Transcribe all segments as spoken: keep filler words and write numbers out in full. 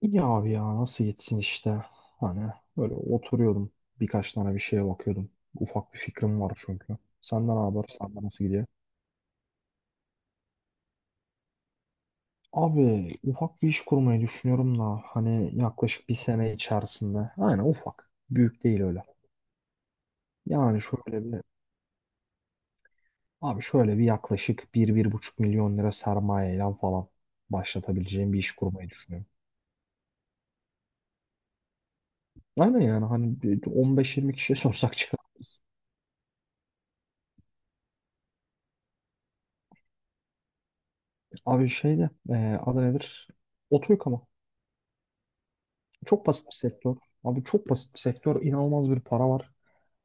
İyi abi ya nasıl yetsin işte. Hani böyle oturuyordum. Birkaç tane bir şeye bakıyordum. Ufak bir fikrim var çünkü. Senden ne haber? Senden nasıl gidiyor? Abi ufak bir iş kurmayı düşünüyorum da hani yaklaşık bir sene içerisinde. Aynen ufak. Büyük değil öyle. Yani şöyle bir abi şöyle bir yaklaşık bir bir buçuk milyon lira sermayeyle falan başlatabileceğim bir iş kurmayı düşünüyorum. Aynen yani hani bir on beş yirmi kişiye sorsak çıkarız. Abi şeyde e, adı nedir? Oto yıkama. Çok basit bir sektör. Abi çok basit bir sektör. İnanılmaz bir para var.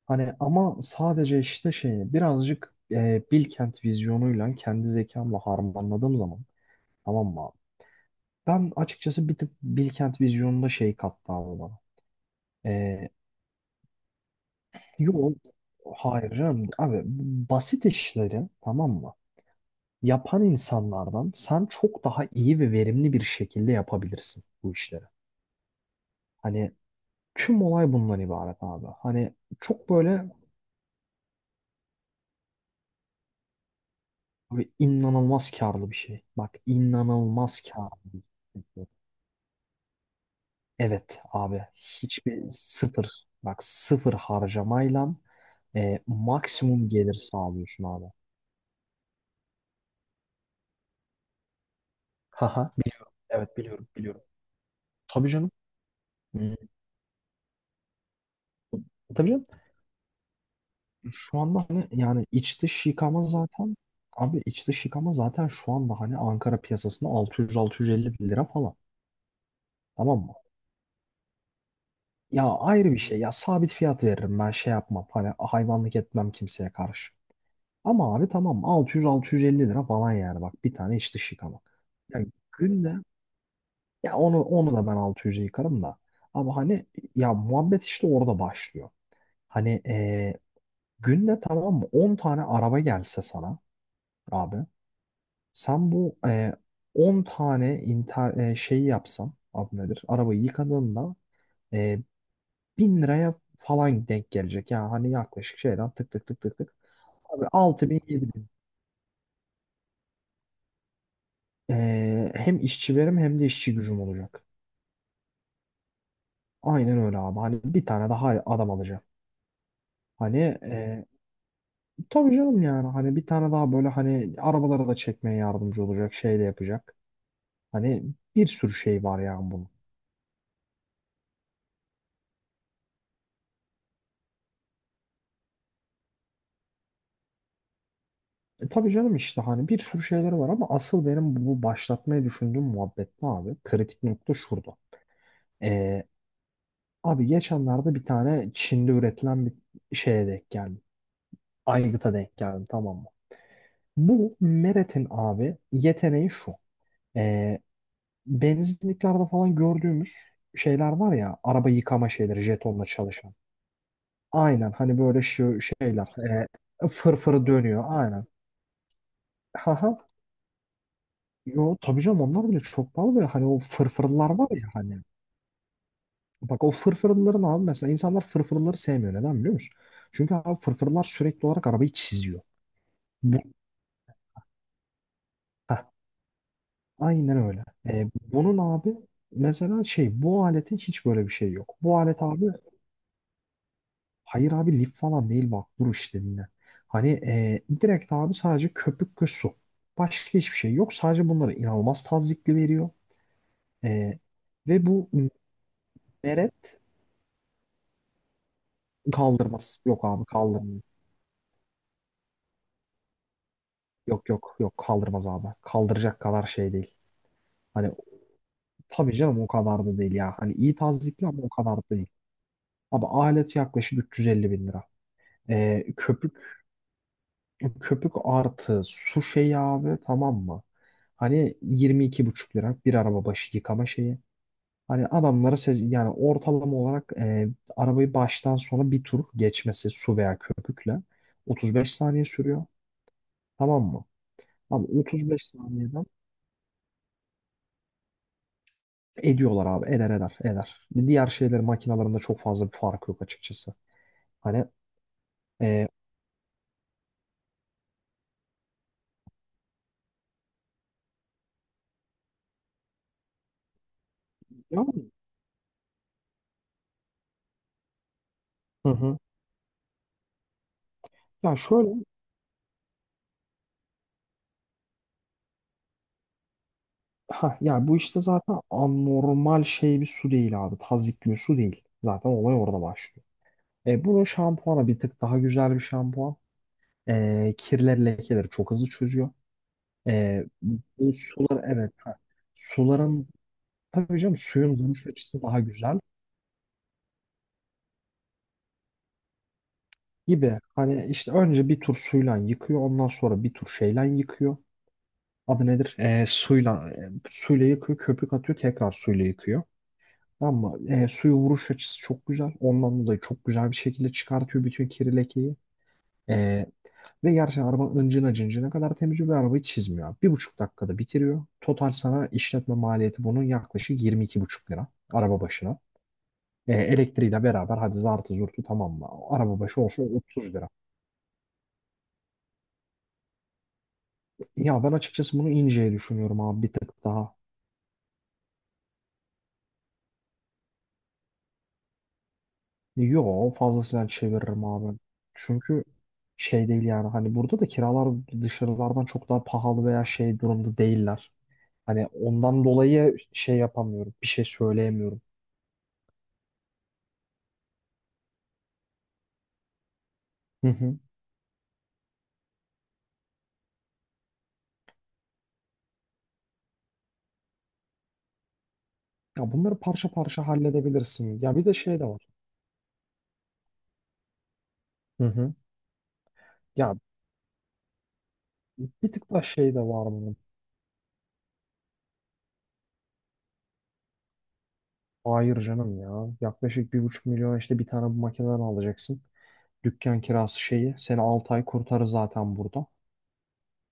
Hani ama sadece işte şeyi birazcık e, Bilkent vizyonuyla kendi zekamla harmanladığım zaman tamam mı abi? Ben açıkçası bir tık Bilkent vizyonunda şey kattı abi bana. E, yol hayır canım abi basit işleri tamam mı? Yapan insanlardan sen çok daha iyi ve verimli bir şekilde yapabilirsin bu işleri. Hani tüm olay bundan ibaret abi. Hani çok böyle. Abi inanılmaz karlı bir şey. Bak inanılmaz karlı bir şey. Evet abi hiçbir sıfır bak sıfır harcamayla e, maksimum gelir sağlıyorsun abi. Haha, biliyorum. Evet biliyorum, biliyorum. Tabii canım. Hmm. Tabii canım. Şu anda hani yani iç dış yıkama zaten Abi iç dış yıkama zaten şu anda hani Ankara piyasasında altı yüz altı yüz elli lira falan. Tamam mı? Ya ayrı bir şey. Ya sabit fiyat veririm ben şey yapmam. Hani hayvanlık etmem kimseye karşı. Ama abi tamam altı yüz altı yüz elli lira falan yani bak bir tane iç dış yıkama. Yani günde ya onu onu da ben altı yüze yıkarım da. Ama hani ya muhabbet işte orada başlıyor. Hani eee, günde tamam mı on tane araba gelse sana abi sen bu eee on tane inter, eee, şeyi yapsan adı nedir? Arabayı yıkadığında eee bin liraya falan denk gelecek. Yani hani yaklaşık şeyden tık tık tık tık tık. Abi 6000 bin. Ee, hem işçi verim hem de işçi gücüm olacak. Aynen öyle abi. Hani bir tane daha adam alacağım. Hani e, tabii canım yani hani bir tane daha böyle hani arabalara da çekmeye yardımcı olacak şey de yapacak. Hani bir sürü şey var yani bunun. E, tabii canım işte hani bir sürü şeyleri var ama asıl benim bu başlatmayı düşündüğüm muhabbette abi? Kritik nokta şurada. Ee, Abi geçenlerde bir tane Çin'de üretilen bir şeye denk geldim. Aygıta denk geldim tamam mı? Bu Meret'in abi yeteneği şu. Ee, Benzinliklerde falan gördüğümüz şeyler var ya araba yıkama şeyleri jetonla çalışan. Aynen hani böyle şu şeyler, e, fırfırı dönüyor aynen. Haha. Yo tabii canım onlar bile çok pahalı ve hani o fırfırlar var ya hani. Bak o fırfırların abi mesela insanlar fırfırları sevmiyor, neden biliyor musun? Çünkü abi fırfırlar sürekli olarak arabayı çiziyor. Bu, heh, aynen öyle. Ee, Bunun abi mesela şey bu aletin hiç böyle bir şey yok. Bu alet abi. Hayır abi lif falan değil, bak dur işte dinle. Hani e, direkt abi sadece köpük ve su. Başka hiçbir şey yok. Sadece bunları inanılmaz tazyikli veriyor. E, Ve bu meret kaldırmaz. Yok abi kaldırmıyor. Yok, yok, yok, kaldırmaz abi. Kaldıracak kadar şey değil. Hani tabii canım o kadar da değil ya. Hani iyi tazyikli ama o kadar da değil. Abi alet yaklaşık üç yüz elli bin lira. E, köpük Köpük artı su şeyi abi tamam mı? Hani yirmi iki buçuk lira bir araba başı yıkama şeyi. Hani adamlara se- yani ortalama olarak e, arabayı baştan sona bir tur geçmesi su veya köpükle otuz beş saniye sürüyor. Tamam mı? Abi otuz beş saniyeden ediyorlar abi. Eder eder eder. Diğer şeyler makinalarında çok fazla bir fark yok açıkçası. Hani e, ya, hı hı. Ya şöyle Ha, ya bu işte zaten anormal şey bir su değil abi. Tazyikli bir su değil. Zaten olay orada başlıyor. E, bunun şampuanı bir tık daha güzel bir şampuan. E, kirler lekeleri çok hızlı çözüyor. E, Bu sular, evet. Ha. Suların tabii canım suyun duruş açısı daha güzel gibi. Hani işte önce bir tur suyla yıkıyor. Ondan sonra bir tur şeyle yıkıyor. Adı nedir? E, suyla, e, suyla yıkıyor. Köpük atıyor. Tekrar suyla yıkıyor. Ama e, suya vuruş açısı çok güzel. Ondan dolayı çok güzel bir şekilde çıkartıyor bütün kiri lekeyi. E, Ve gerçekten araba ıncına cıncına kadar temiz, bir arabayı çizmiyor abi. Bir buçuk dakikada bitiriyor. Total sana işletme maliyeti bunun yaklaşık yirmi iki buçuk lira araba başına. E, elektriğiyle beraber hadi zartı zurtu tamam mı? Araba başı olsun otuz lira. Ya ben açıkçası bunu inceye düşünüyorum abi bir tık daha. Yo fazlasıyla çeviririm abi. Çünkü şey değil yani hani burada da kiralar dışarılardan çok daha pahalı veya şey durumda değiller. Hani ondan dolayı şey yapamıyorum. Bir şey söyleyemiyorum. Hı hı. Ya bunları parça parça halledebilirsin. Ya bir de şey de var. Hı hı. Ya bir tık daha şey de var bunun. Hayır canım ya. Yaklaşık bir buçuk milyon işte bir tane bu makineden alacaksın. Dükkan kirası şeyi. Seni altı ay kurtarır zaten burada.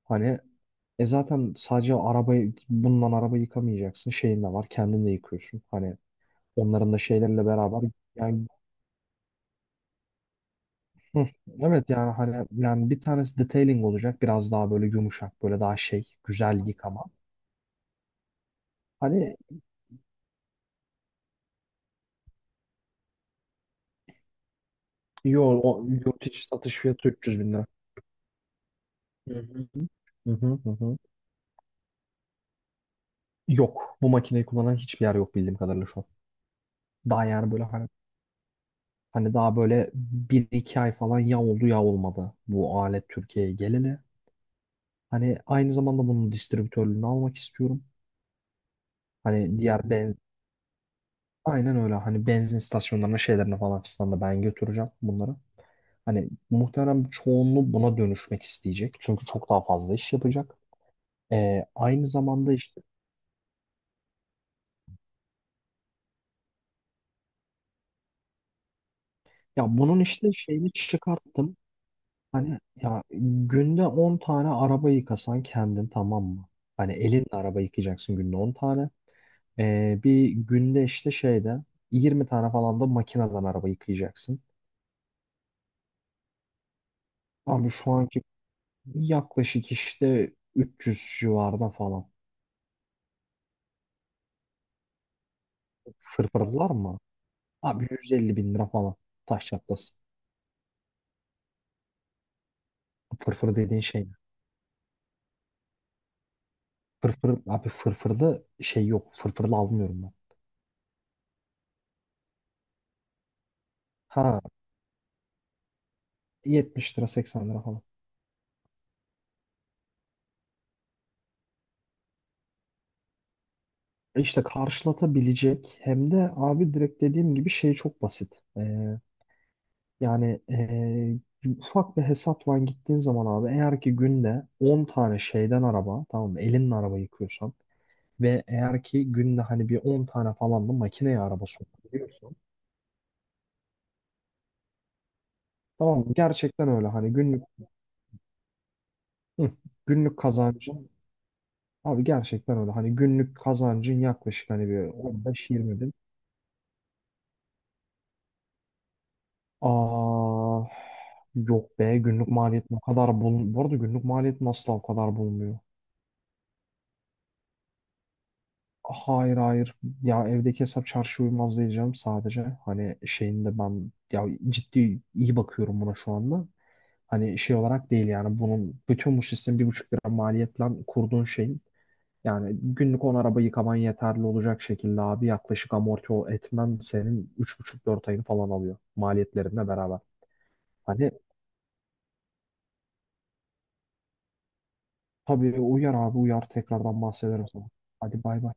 Hani e zaten sadece arabayı bununla araba yıkamayacaksın. Şeyin de var. Kendin de yıkıyorsun. Hani onların da şeylerle beraber yani hı, evet yani hani yani bir tanesi detailing olacak. Biraz daha böyle yumuşak böyle daha şey güzel yıkama. Hani yo, o, yurt içi satış fiyatı üç yüz bin lira. Hı hı. Hı hı hı. Hı. Yok. Bu makineyi kullanan hiçbir yer yok bildiğim kadarıyla şu an. Daha yani böyle hani hani daha böyle bir iki ay falan ya oldu ya olmadı bu alet Türkiye'ye geleli. Hani aynı zamanda bunun distribütörlüğünü almak istiyorum. Hani diğer ben Aynen öyle. Hani benzin istasyonlarına şeylerine falan filan da ben götüreceğim bunları. Hani muhtemelen çoğunluğu buna dönüşmek isteyecek. Çünkü çok daha fazla iş yapacak. Ee, aynı zamanda işte ya bunun işte şeyini çıkarttım. Hani ya günde on tane araba yıkasan kendin tamam mı? Hani elinle araba yıkayacaksın günde on tane. Ee, bir günde işte şeyde yirmi tane falan da makineden araba yıkayacaksın. Abi şu anki yaklaşık işte üç yüz civarında falan. Fırfırlar mı? Abi yüz elli bin lira falan. Taş çatlasın. Fırfır dediğin şey mi? Fırfır, abi fırfırda şey yok. Fırfırlı almıyorum ben. Ha, yetmiş lira seksen lira falan. E İşte karşılatabilecek hem de abi direkt dediğim gibi şey çok basit. Ee, yani ee, ufak bir hesapla gittiğin zaman abi eğer ki günde on tane şeyden araba tamam mı? Elinle araba yıkıyorsan ve eğer ki günde hani bir on tane falan da makineye araba sokabiliyorsun. Tamam mı? Gerçekten öyle hani günlük hı, günlük kazancın abi gerçekten öyle hani günlük kazancın yaklaşık hani bir on beş yirmi bin. Aa, Yok be, günlük maliyet o kadar bul bu arada, günlük maliyet nasıl o kadar bulmuyor. Hayır, hayır. Ya evdeki hesap çarşı uymaz diyeceğim sadece. Hani şeyinde ben ya ciddi iyi bakıyorum buna şu anda. Hani şey olarak değil yani bunun bütün bu sistemin bir buçuk lira maliyetle kurduğun şeyin yani günlük on araba yıkaman yeterli olacak şekilde abi yaklaşık amorti o- etmen senin üç buçuk dört ayını falan alıyor maliyetlerine beraber. Hani tabii uyar abi, uyar, tekrardan bahsederim sana. Hadi bay bay.